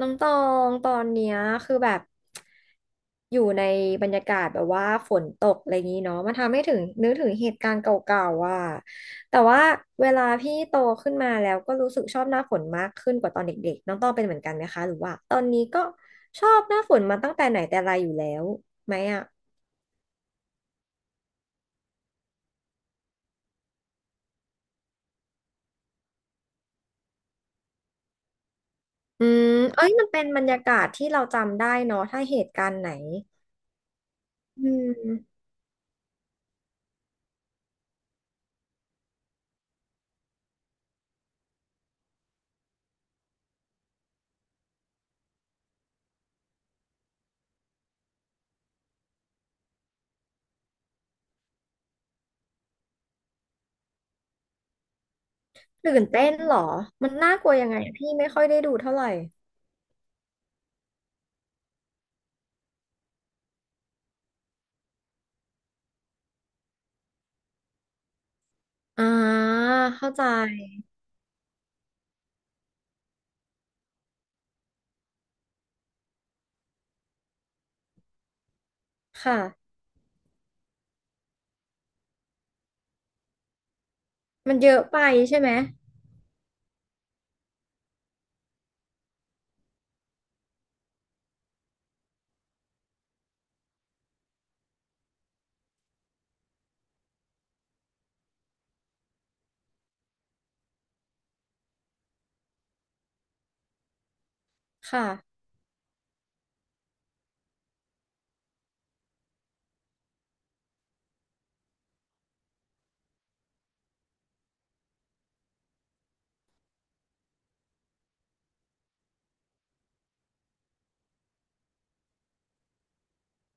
น้องตองตอนเนี้ยคือแบบอยู่ในบรรยากาศแบบว่าฝนตกอะไรอย่างนี้เนาะมันทำให้ถึงนึกถึงเหตุการณ์เก่าๆว่าแต่ว่าเวลาพี่โตขึ้นมาแล้วก็รู้สึกชอบหน้าฝนมากขึ้นกว่าตอนเด็กๆน้องตองเป็นเหมือนกันไหมคะหรือว่าตอนนี้ก็ชอบหน้าฝนมาตั้งแต่ไหนแต่ไรอยู่แล้วไหมอ่ะอืมเอ้ยมันเป็นบรรยากาศที่เราจำได้เนาะถ้าเหตุการณ์ไหนอืมตื่นเต้นเหรอมันน่ากลัวยังไงพี่ไม่ค่อยได้ดูเท่าไหร่ อ่าเข้าใจค่ะมันเยอะไปใช่ไหมค่ะ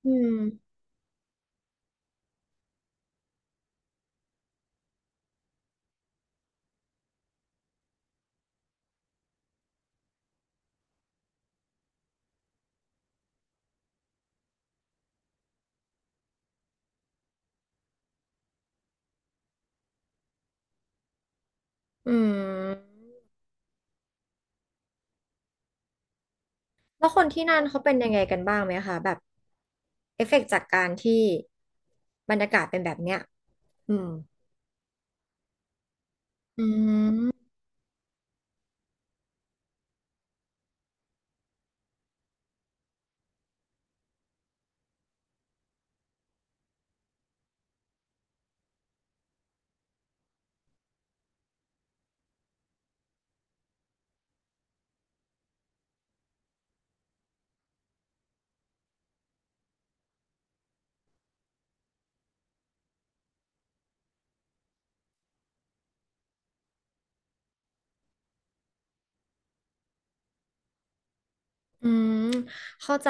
อืมอืมแล้วคนที่นั่นเขาเป็นยังไงกันบ้างไหมคะแบบเอฟเฟกต์จากการที่บรรยากาศเป็นแบบเนี้ยอืมอืมอืมเข้าใจ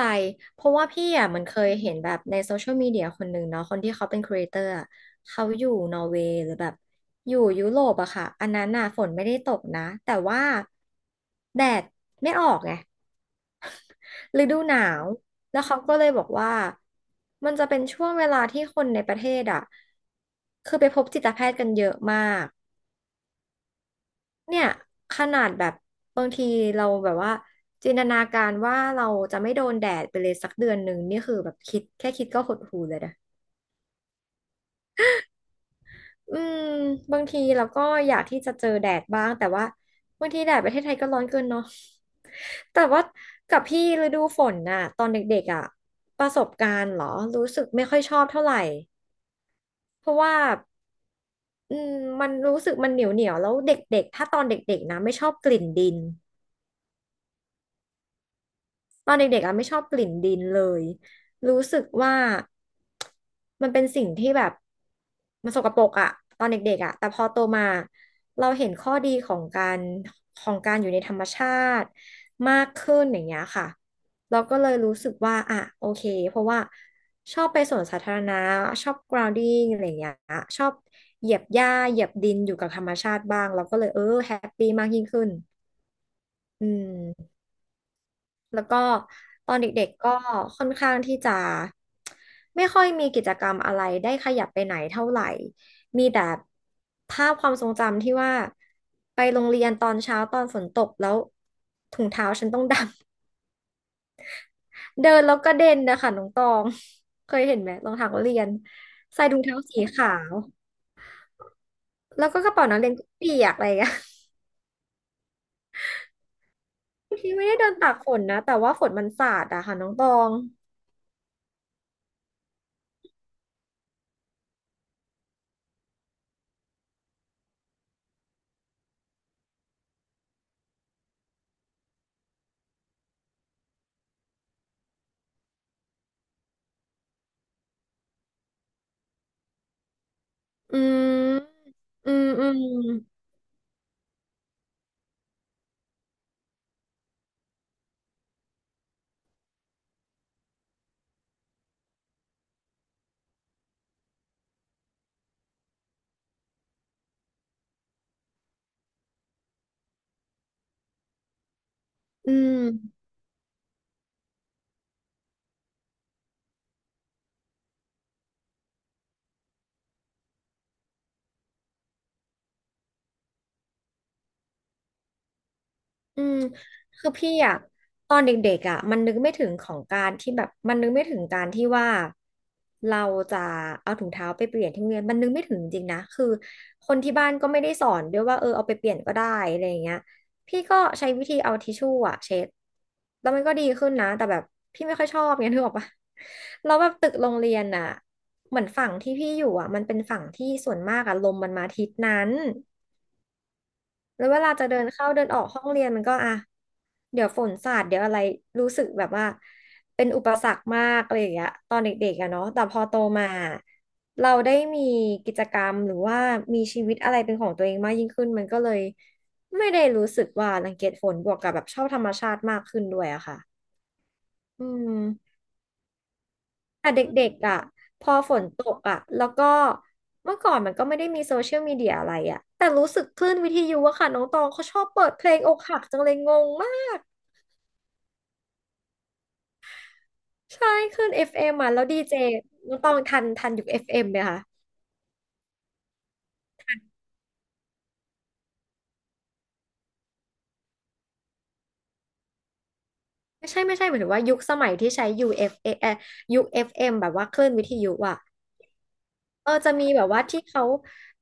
เพราะว่าพี่อ่ะมันเคยเห็นแบบในโซเชียลมีเดียคนหนึ่งเนาะคนที่เขาเป็นครีเอเตอร์อะเขาอยู่นอร์เวย์หรือแบบอยู่ยุโรปอะค่ะอันนั้นน่ะฝนไม่ได้ตกนะแต่ว่าแดดไม่ออกไง ฤดูหนาว แล้วเขาก็เลยบอกว่า มันจะเป็นช่วงเวลาที่คนในประเทศอ่ะคือไปพบจิตแพทย์กันเยอะมาก เนี่ย ขนาดแบบบางทีเราแบบว่าจินตนาการว่าเราจะไม่โดนแดดไปเลยสักเดือนหนึ่งนี่คือแบบคิดแค่คิดก็หดหู่เลยนะ อืมบางทีเราก็อยากที่จะเจอแดดบ้างแต่ว่าบางทีแดดประเทศไทยก็ร้อนเกินเนาะ แต่ว่ากับพี่ฤดูฝนน่ะตอนเด็กๆอ่ะประสบการณ์เหรอรู้สึกไม่ค่อยชอบเท่าไหร่เพราะว่าอืมมันรู้สึกมันเหนียวเหนียวแล้วเด็กๆถ้าตอนเด็กๆนะไม่ชอบกลิ่นดิน ตอนเด็กๆอ่ะไม่ชอบกลิ่นดินเลยรู้สึกว่ามันเป็นสิ่งที่แบบมันสกปรกอ่ะตอนเด็กๆอ่ะแต่พอโตมาเราเห็นข้อดีของการของการอยู่ในธรรมชาติมากขึ้นอย่างเงี้ยค่ะเราก็เลยรู้สึกว่าอ่ะโอเคเพราะว่าชอบไปสวนสาธารณะชอบ grounding อะไรอย่างเงี้ยชอบเหยียบหญ้าเหยียบดินอยู่กับธรรมชาติบ้างเราก็เลยเออแฮปปี้มากยิ่งขึ้นอืม แล้วก็ตอนเด็กๆก็ค่อนข้างที่จะไม่ค่อยมีกิจกรรมอะไรได้ขยับไปไหนเท่าไหร่มีแต่ภาพความทรงจำที่ว่าไปโรงเรียนตอนเช้าตอนฝนตกแล้วถุงเท้าฉันต้องดำ เดินแล้วก็เด่นนะคะน้องตองเคยเห็นไหมรองเท้านักเรียนใส่ถุงเท้าสีขาวแล้วก็กระเป๋านักเรียนก็เปียกอะไรอย่างเงี้ย บางทีไม่ได้เดินตากฝนนะแต่ว่าฝนมันสาดอะค่ะน้องตองอืมอืมอืมอืม อืมคือพี่อะตอนเด็กๆอะมันนึกไม่ถึงของการที่แบบมันนึกไม่ถึงการที่ว่าเราจะเอาถุงเท้าไปเปลี่ยนที่โรงเรียนมันนึกไม่ถึงจริงๆนะคือคนที่บ้านก็ไม่ได้สอนด้วยว่าเออเอาไปเปลี่ยนก็ได้อะไรอย่างเงี้ยพี่ก็ใช้วิธีเอาทิชชู่อะเช็ดแล้วมันก็ดีขึ้นนะแต่แบบพี่ไม่ค่อยชอบเงี้ยนึกออกปะแล้วแบบตึกโรงเรียนอะเหมือนฝั่งที่พี่อยู่อะมันเป็นฝั่งที่ส่วนมากอะลมมันมาทิศนั้น แล้วเวลาจะเดินเข้าเดินออกห้องเรียนมันก็อ่ะเดี๋ยวฝนสาดเดี๋ยวอะไรรู้สึกแบบว่าเป็นอุปสรรคมากอะไรอย่างเงี้ยตอนเด็กๆอะเนาะแต่พอโตมาเราได้มีกิจกรรมหรือว่ามีชีวิตอะไรเป็นของตัวเองมากยิ่งขึ้นมันก็เลยไม่ได้รู้สึกว่ารังเกียจฝนบวกกับแบบชอบธรรมชาติมากขึ้นด้วยอะค่ะอืม แต่เด็กๆอ่ะพอฝนตกอ่ะแล้วก็เมื่อก่อนมันก็ไม่ได้มีโซเชียลมีเดียอะไรอ่ะแต่รู้สึกคลื่นวิทยุอะค่ะน้องตองเขาชอบเปิดเพลงอกหักจังเลยงงมากใช่คลื่น FM อฟเอ็มอ่ะแล้วดีเจน้องตองทันยุค FM ไหมคะไม่ใช่ไม่ใช่หมายถึงว่ายุคสมัยที่ใช้ยูเอฟเอยุค FM แบบว่าคลื่นวิทยุอ่ะ เออจะมีแบบว่าที่เขา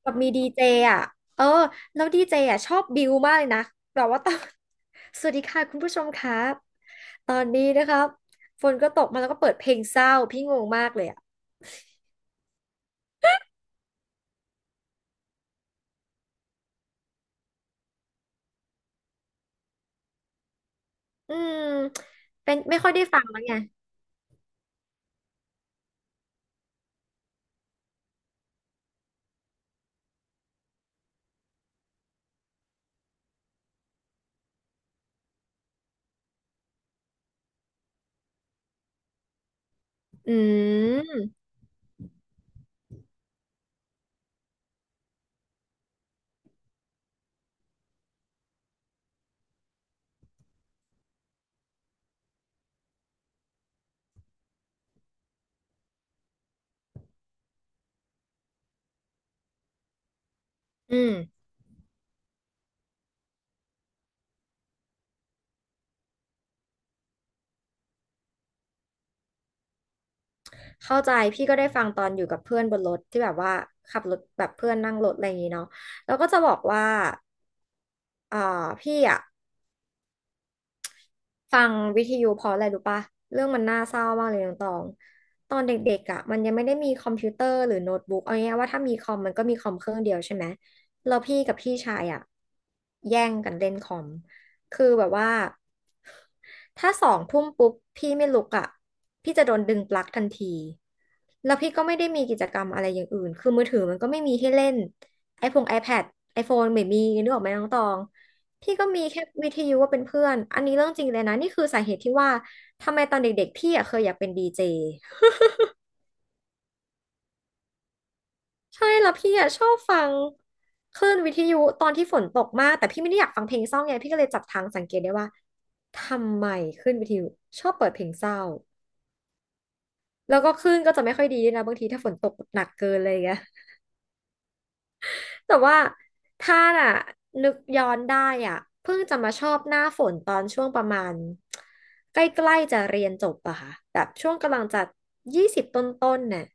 แบบมีดีเจอ่ะเออแล้วดีเจอ่ะชอบบิวมากเลยนะแบบว่า ตอน สวัสดีค่ะคุณผู้ชมครับตอนนี้นะครับฝนก็ตกมาแล้วก็เปิดเพลงเศร้าพี่งงมากเลยอ่ะอืมเป็นไม่ค่อยได้ฟังแล้วไงอืมอืมเข้าใจพี่ก็ได้ฟังตอนอยู่กับเพื่อนบนรถที่แบบว่าขับรถแบบเพื่อนนั่งรถอะไรอย่างงี้เนาะแล้วก็จะบอกว่าอ่าพี่อ่ะ ฟังวิทยุเพราะอะไรรู้ปะเรื่องมันน่าเศร้ามากเลยน้องตองตอนเด็กๆอ่ะมันยังไม่ได้มีคอมพิวเตอร์หรือโน้ตบุ๊กเอาง่ายๆว่าถ้ามีคอมมันก็มีคอมเครื่องเดียวใช่ไหมแล้วพี่กับพี่ชายอ่ะแย่งกันเล่นคอมคือแบบว่าถ้าสองทุ่มปุ๊บพี่ไม่ลุกอ่ะพี่จะโดนดึงปลั๊กทันทีแล้วพี่ก็ไม่ได้มีกิจกรรมอะไรอย่างอื่นคือมือถือมันก็ไม่มีให้เล่นไอพง iPad iPhone ไม่มีนึกออกไหมน้องตอง พี่ก็มีแค่วิทยุว่าเป็นเพื่อนอันนี้เรื่องจริงเลยนะนี่คือสาเหตุที่ว่าทำไมตอนเด็กๆพี่อ่ะเคยอยากเป็นดีเจใช่แล้วพี่อ่ะชอบฟังคลื่นวิทยุตอนที่ฝนตกมากแต่พี่ไม่ได้อยากฟังเพลงเศร้าไงพี่ก็เลยจับทางสังเกตได้ว่าทำไมคลื่นวิทยุชอบเปิดเพลงเศร้าแล้วก็คลื่นก็จะไม่ค่อยดีด้วยนะบางทีถ้าฝนตกหนักเกินเลยไง แต่ว่าถ้าน่ะนึกย้อนได้อ่ะเพิ่งจะมาชอบหน้าฝนตอนช่วงประมาณใกล้ๆจะเรียนจบอะค่ะแบบช่วงกำลังจะ20ต้นๆน่ะ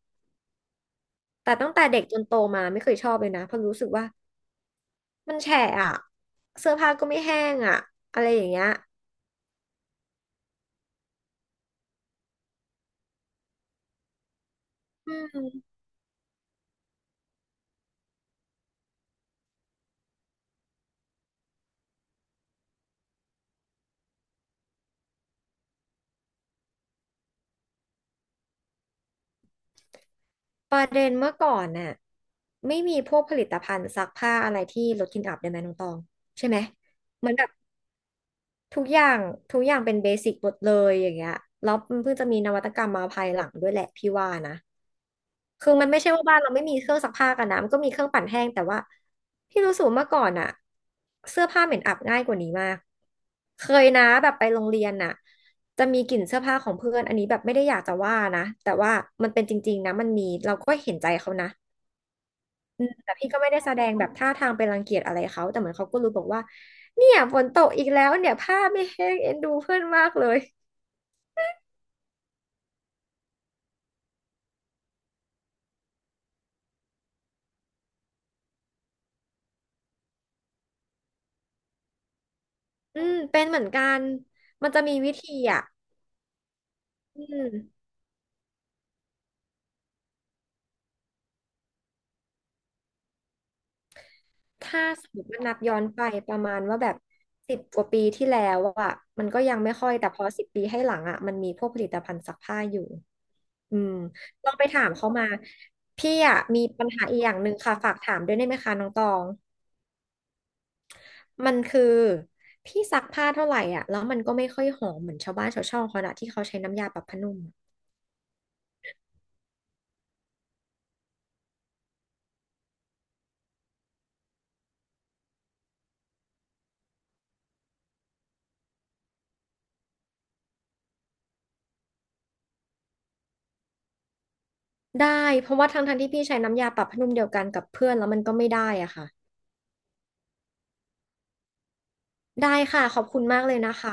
แต่ตั้งแต่เด็กจนโตมาไม่เคยชอบเลยนะเพราะรู้สึกว่ามันแฉะอะเสื้อผ้าก็ไม่แห้งอะอะไรอย่างเงี้ยอืมประเด็นเมื่อก่อนน่ะไม่มีพวกผลิตภัณฑ์ซักผ้าอะไรที่ลดกลิ่นอับได้ไหมน้องตองใช่ไหมเหมือนแบบ ทุกอย่างทุกอย่างเป็นเบสิกหมดเลยอย่างเงี้ยแล้วมันเพิ่งจะมีนวัตกรรมมาภายหลังด้วยแหละพี่ว่านะคือมันไม่ใช่ว่าบ้านเราไม่มีเครื่องซักผ้ากันนะมันก็มีเครื่องปั่นแห้งแต่ว่าพี่รู้สึกว่าเมื่อก่อนอะเสื้อผ้าเหม็นอับง่ายกว่านี้มากเคยนะแบบไปโรงเรียนน่ะจะมีกลิ่นเสื้อผ้าของเพื่อนอันนี้แบบไม่ได้อยากจะว่านะแต่ว่ามันเป็นจริงๆนะมันมีเราก็เห็นใจเขานะ แต่พี่ก็ไม่ได้แสดงแบบท่าทางเป็นรังเกียจอะไรเขาแต่เหมือนเขาก็รู้บอกว่าเนี่ยฝนตกอีกแล้วเนี่ยผ้าไม่แห้งเอ็นดูเพื่อนมากเลยอืมเป็นเหมือนกันมันจะมีวิธีอ่ะอืมถ้าสมมติว่านับย้อนไปประมาณว่าแบบ10 กว่าปีที่แล้วอ่ะมันก็ยังไม่ค่อยแต่พอ10 ปีให้หลังอ่ะมันมีพวกผลิตภัณฑ์ซักผ้าอยู่อืมลองไปถามเขามาพี่อ่ะมีปัญหาอีกอย่างหนึ่งค่ะฝากถามด้วยได้ไหมคะน้องตอง มันคือพี่ซักผ้าเท่าไหร่อ่ะแล้วมันก็ไม่ค่อยหอมเหมือนชาวบ้านชาวช่องเขาอะที่เขาใช้น้ำยาปรับผ้านุ่มได้เพราะว่าทั้งที่พี่ใช้น้ำยาปรับผ้านุ่มเดียวกันกับเพื่อนแล้วมันก็ไม่ได้อ่ะค่ะได้ค่ะขอบคุณมากเลยนะคะ